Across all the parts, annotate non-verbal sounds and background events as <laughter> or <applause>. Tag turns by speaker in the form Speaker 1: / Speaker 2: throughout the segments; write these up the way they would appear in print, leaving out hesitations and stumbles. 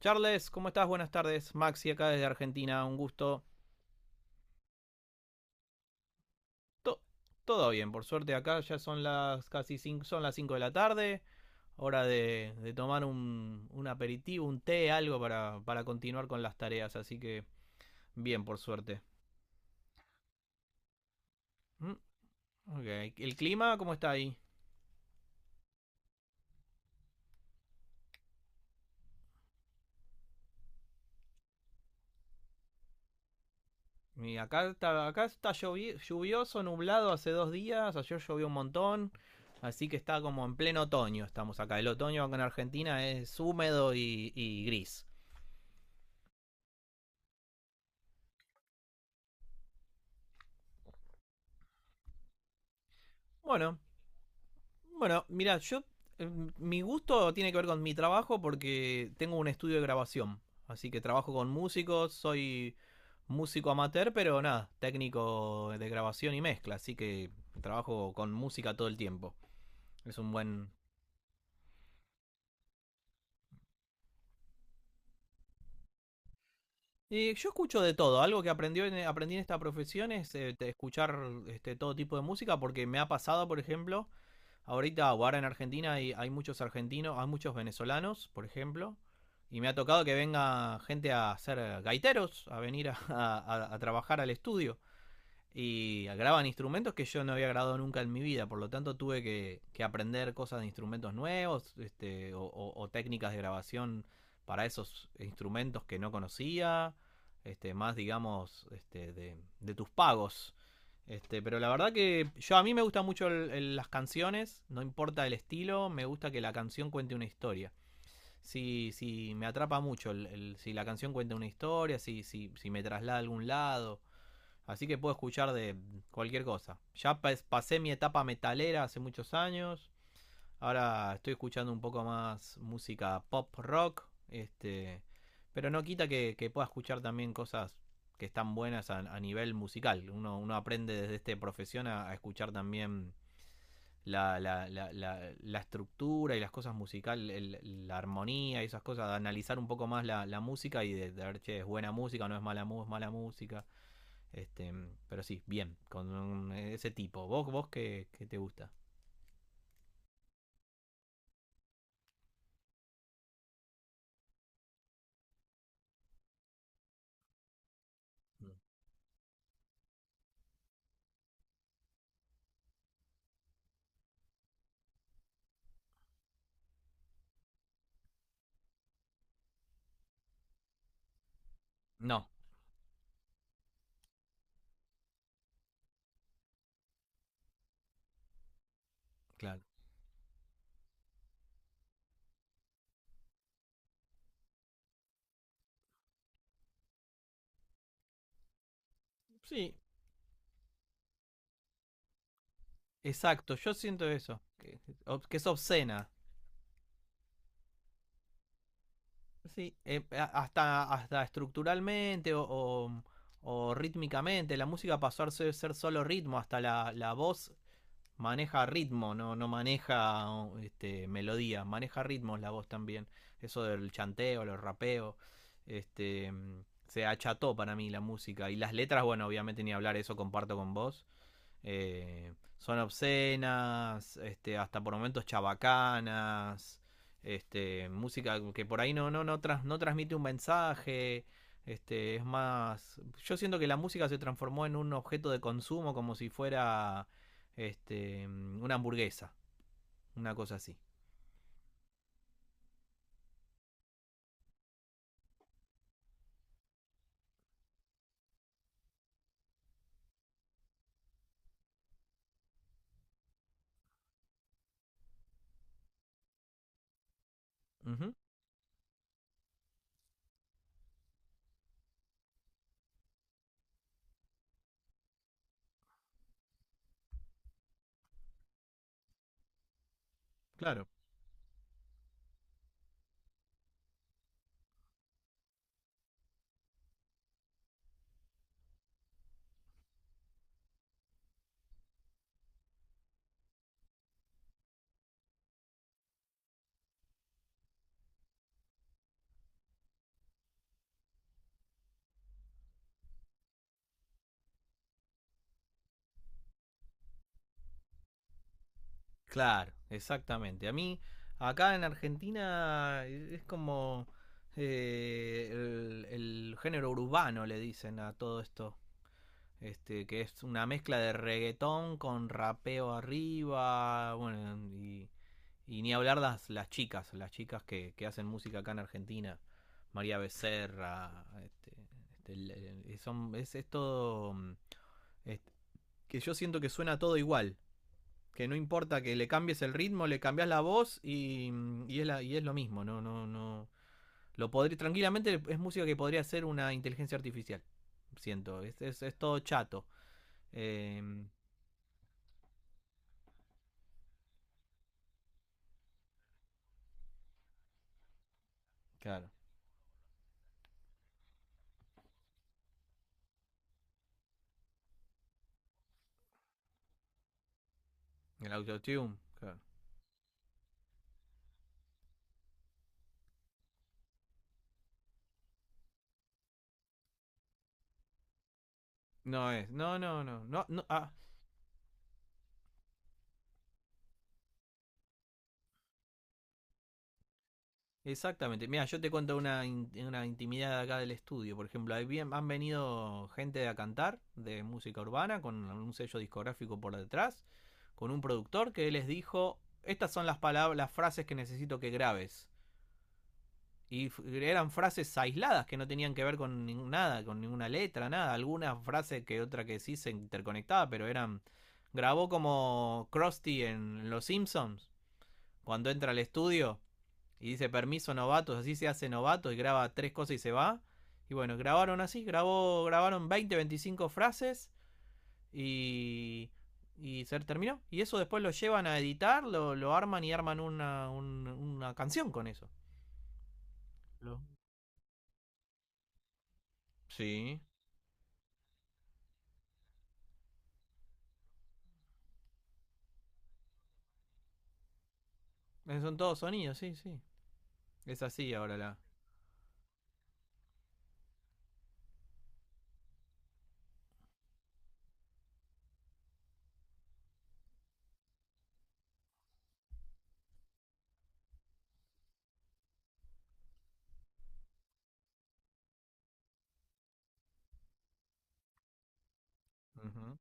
Speaker 1: Charles, ¿cómo estás? Buenas tardes. Maxi acá desde Argentina, un gusto. To- Todo bien, por suerte acá ya son las casi cinco, son las 5 de la tarde. Hora de tomar un aperitivo, un té, algo para continuar con las tareas. Así que bien, por suerte. Mm, ok. ¿El clima cómo está ahí? Y acá está lluvioso, nublado hace dos días. Ayer llovió un montón. Así que está como en pleno otoño. Estamos acá. El otoño acá en Argentina es húmedo y gris. Bueno, bueno, mira, yo eh, mi gusto tiene que ver con mi trabajo porque tengo un estudio de grabación, así que trabajo con músicos, soy músico amateur, pero nada, técnico de grabación y mezcla, así que trabajo con música todo el tiempo. Es un buen. Y yo escucho de todo. Algo que aprendí en esta profesión es de escuchar todo tipo de música, porque me ha pasado, por ejemplo, ahorita, o ahora en Argentina hay, hay muchos argentinos, hay muchos venezolanos, por ejemplo, y me ha tocado que venga gente a ser gaiteros, a venir a trabajar al estudio y graban instrumentos que yo no había grabado nunca en mi vida, por lo tanto tuve que aprender cosas de instrumentos nuevos o técnicas de grabación para esos instrumentos que no conocía, más digamos de tus pagos. Pero la verdad que yo a mí me gusta mucho las canciones, no importa el estilo, me gusta que la canción cuente una historia. Si me atrapa mucho, si la canción cuenta una historia, si me traslada a algún lado, así que puedo escuchar de cualquier cosa. Ya pasé mi etapa metalera hace muchos años. Ahora estoy escuchando un poco más música pop rock. Pero no quita que pueda escuchar también cosas que están buenas a nivel musical. Uno, uno aprende desde esta profesión a escuchar también la estructura y las cosas musicales, la armonía y esas cosas, de analizar un poco más la música y de ver, che, es buena música, no es mala, es mala música. Este, pero sí, bien, ese tipo. ¿Vos, vos qué, qué te gusta? No, claro. Sí, exacto, yo siento eso, que es obscena. Sí, hasta, hasta estructuralmente o rítmicamente, la música pasó a ser, ser solo ritmo, hasta la voz maneja ritmo, no, no maneja melodía, maneja ritmos la voz también. Eso del chanteo, los rapeos, este, se acható para mí la música. Y las letras, bueno, obviamente ni hablar, eso comparto con vos. Son obscenas, hasta por momentos chabacanas, música que por ahí no transmite un mensaje. Es más. Yo siento que la música se transformó en un objeto de consumo como si fuera una hamburguesa, una cosa así. Ujú, claro. Claro, exactamente. A mí, acá en Argentina, es como el género urbano, le dicen a todo esto. Que es una mezcla de reggaetón con rapeo arriba, bueno, y ni hablar las chicas que hacen música acá en Argentina, María Becerra, este, este, el- son, es todo, mm, es- que yo siento que suena todo igual, que no importa que le cambies el ritmo, le cambias la voz y es, y es lo mismo, no. Lo podría, tranquilamente es música que podría ser una inteligencia artificial. Siento, es todo chato. Eh, claro. El autotune, claro. No es, no, no, no, no, no, ah, Exactamente. Mira, yo te cuento una, una intimidad acá del estudio. Por ejemplo, han venido gente a cantar de música urbana con un sello discográfico por detrás, con un productor que les dijo, estas son las palabras, las frases que necesito que grabes. Y f- Eran frases aisladas que no tenían que ver con nada, con ninguna letra, nada. Alguna frase que otra que sí se interconectaba, pero eran. Grabó como Krusty en Los Simpsons, cuando entra al estudio y dice permiso novatos, así se hace novato y graba tres cosas y se va. Y bueno, grabaron así, grabaron 20, 25 frases y, y se terminó. Y eso después lo llevan a editar, lo arman y arman una, una canción con eso. Sí. Son todos sonidos, sí, sí. Es así ahora la. Ujú.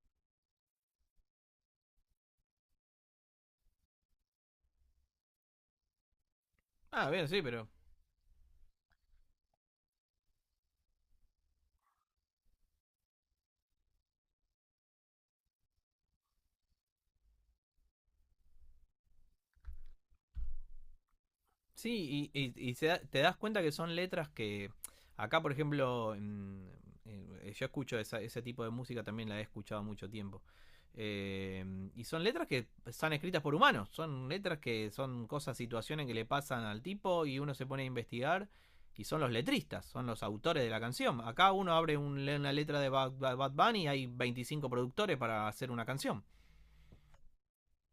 Speaker 1: Ah, bien, sí, pero sí, y te das cuenta que son letras que acá, por ejemplo, yo escucho ese tipo de música, también la he escuchado mucho tiempo. Eh, y son letras que están escritas por humanos, son letras que son cosas, situaciones que le pasan al tipo y uno se pone a investigar y son los letristas, son los autores de la canción. Acá uno abre una letra de Bad Bunny y hay 25 productores para hacer una canción.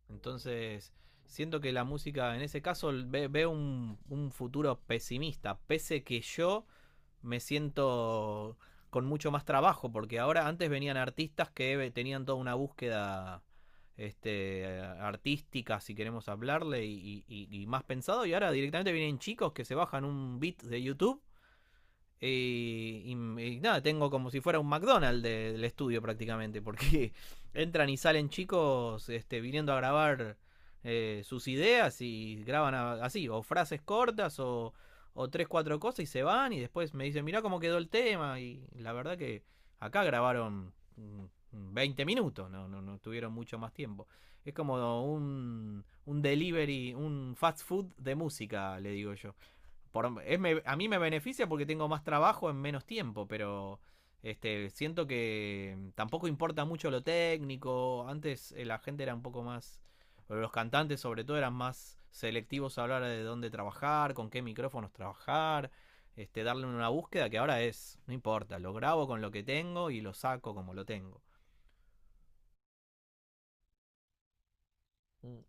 Speaker 1: Entonces, siento que la música, en ese caso, veo un futuro pesimista, pese que yo me siento con mucho más trabajo, porque ahora antes venían artistas que tenían toda una búsqueda artística, si queremos hablarle, y más pensado, y ahora directamente vienen chicos que se bajan un beat de YouTube y nada, tengo como si fuera un McDonald's del estudio prácticamente, <laughs> porque entran y salen chicos viniendo a grabar sus ideas y graban así, o frases cortas o tres, cuatro cosas y se van y después me dicen, mirá cómo quedó el tema y la verdad que acá grabaron 20 minutos, no tuvieron mucho más tiempo. Es como un delivery, un fast food de música, le digo yo a mí me beneficia porque tengo más trabajo en menos tiempo, pero siento que tampoco importa mucho lo técnico. Antes la gente era un poco más, los cantantes sobre todo eran más selectivos a hablar de dónde trabajar, con qué micrófonos trabajar, darle una búsqueda que ahora es, no importa, lo grabo con lo que tengo y lo saco como lo tengo. Mm.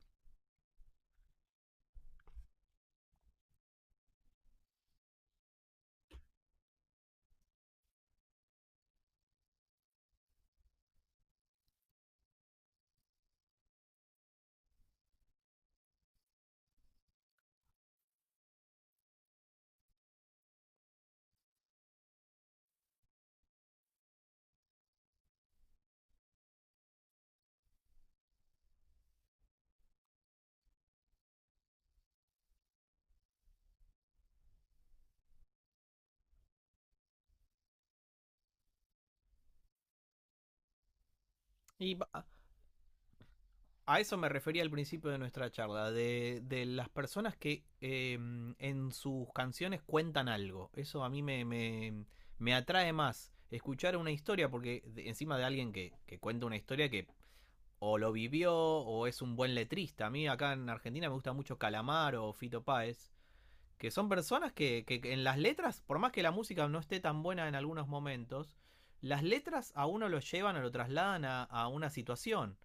Speaker 1: Y a eso me refería al principio de nuestra charla, de las personas que en sus canciones cuentan algo. Eso a me atrae más escuchar una historia, porque encima de alguien que cuenta una historia que o lo vivió o es un buen letrista. A mí acá en Argentina me gusta mucho Calamaro o Fito Páez, que son personas que en las letras, por más que la música no esté tan buena en algunos momentos, las letras a uno lo llevan o lo trasladan a una situación.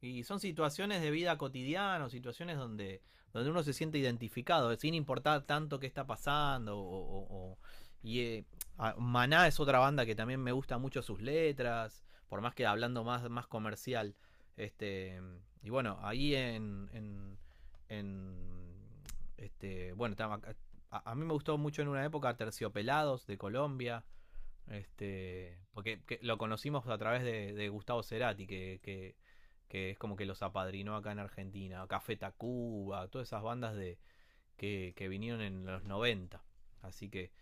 Speaker 1: Y son situaciones de vida cotidiana, o situaciones donde, donde uno se siente identificado, sin importar tanto qué está pasando. Y eh, Maná es otra banda que también me gusta mucho sus letras, por más que hablando más, más comercial. Este, y bueno, ahí en. En, este, bueno, a mí me gustó mucho en una época Terciopelados de Colombia. Porque que lo conocimos a través de Gustavo Cerati, que es como que los apadrinó acá en Argentina, Café Tacuba, todas esas bandas de, que vinieron en los noventa. Así que,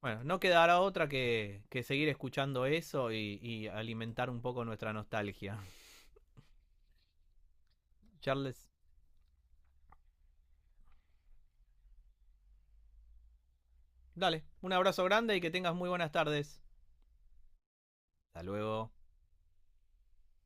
Speaker 1: bueno, no quedará otra que seguir escuchando eso y alimentar un poco nuestra nostalgia. <laughs> Charles, dale, un abrazo grande y que tengas muy buenas tardes. Hasta luego.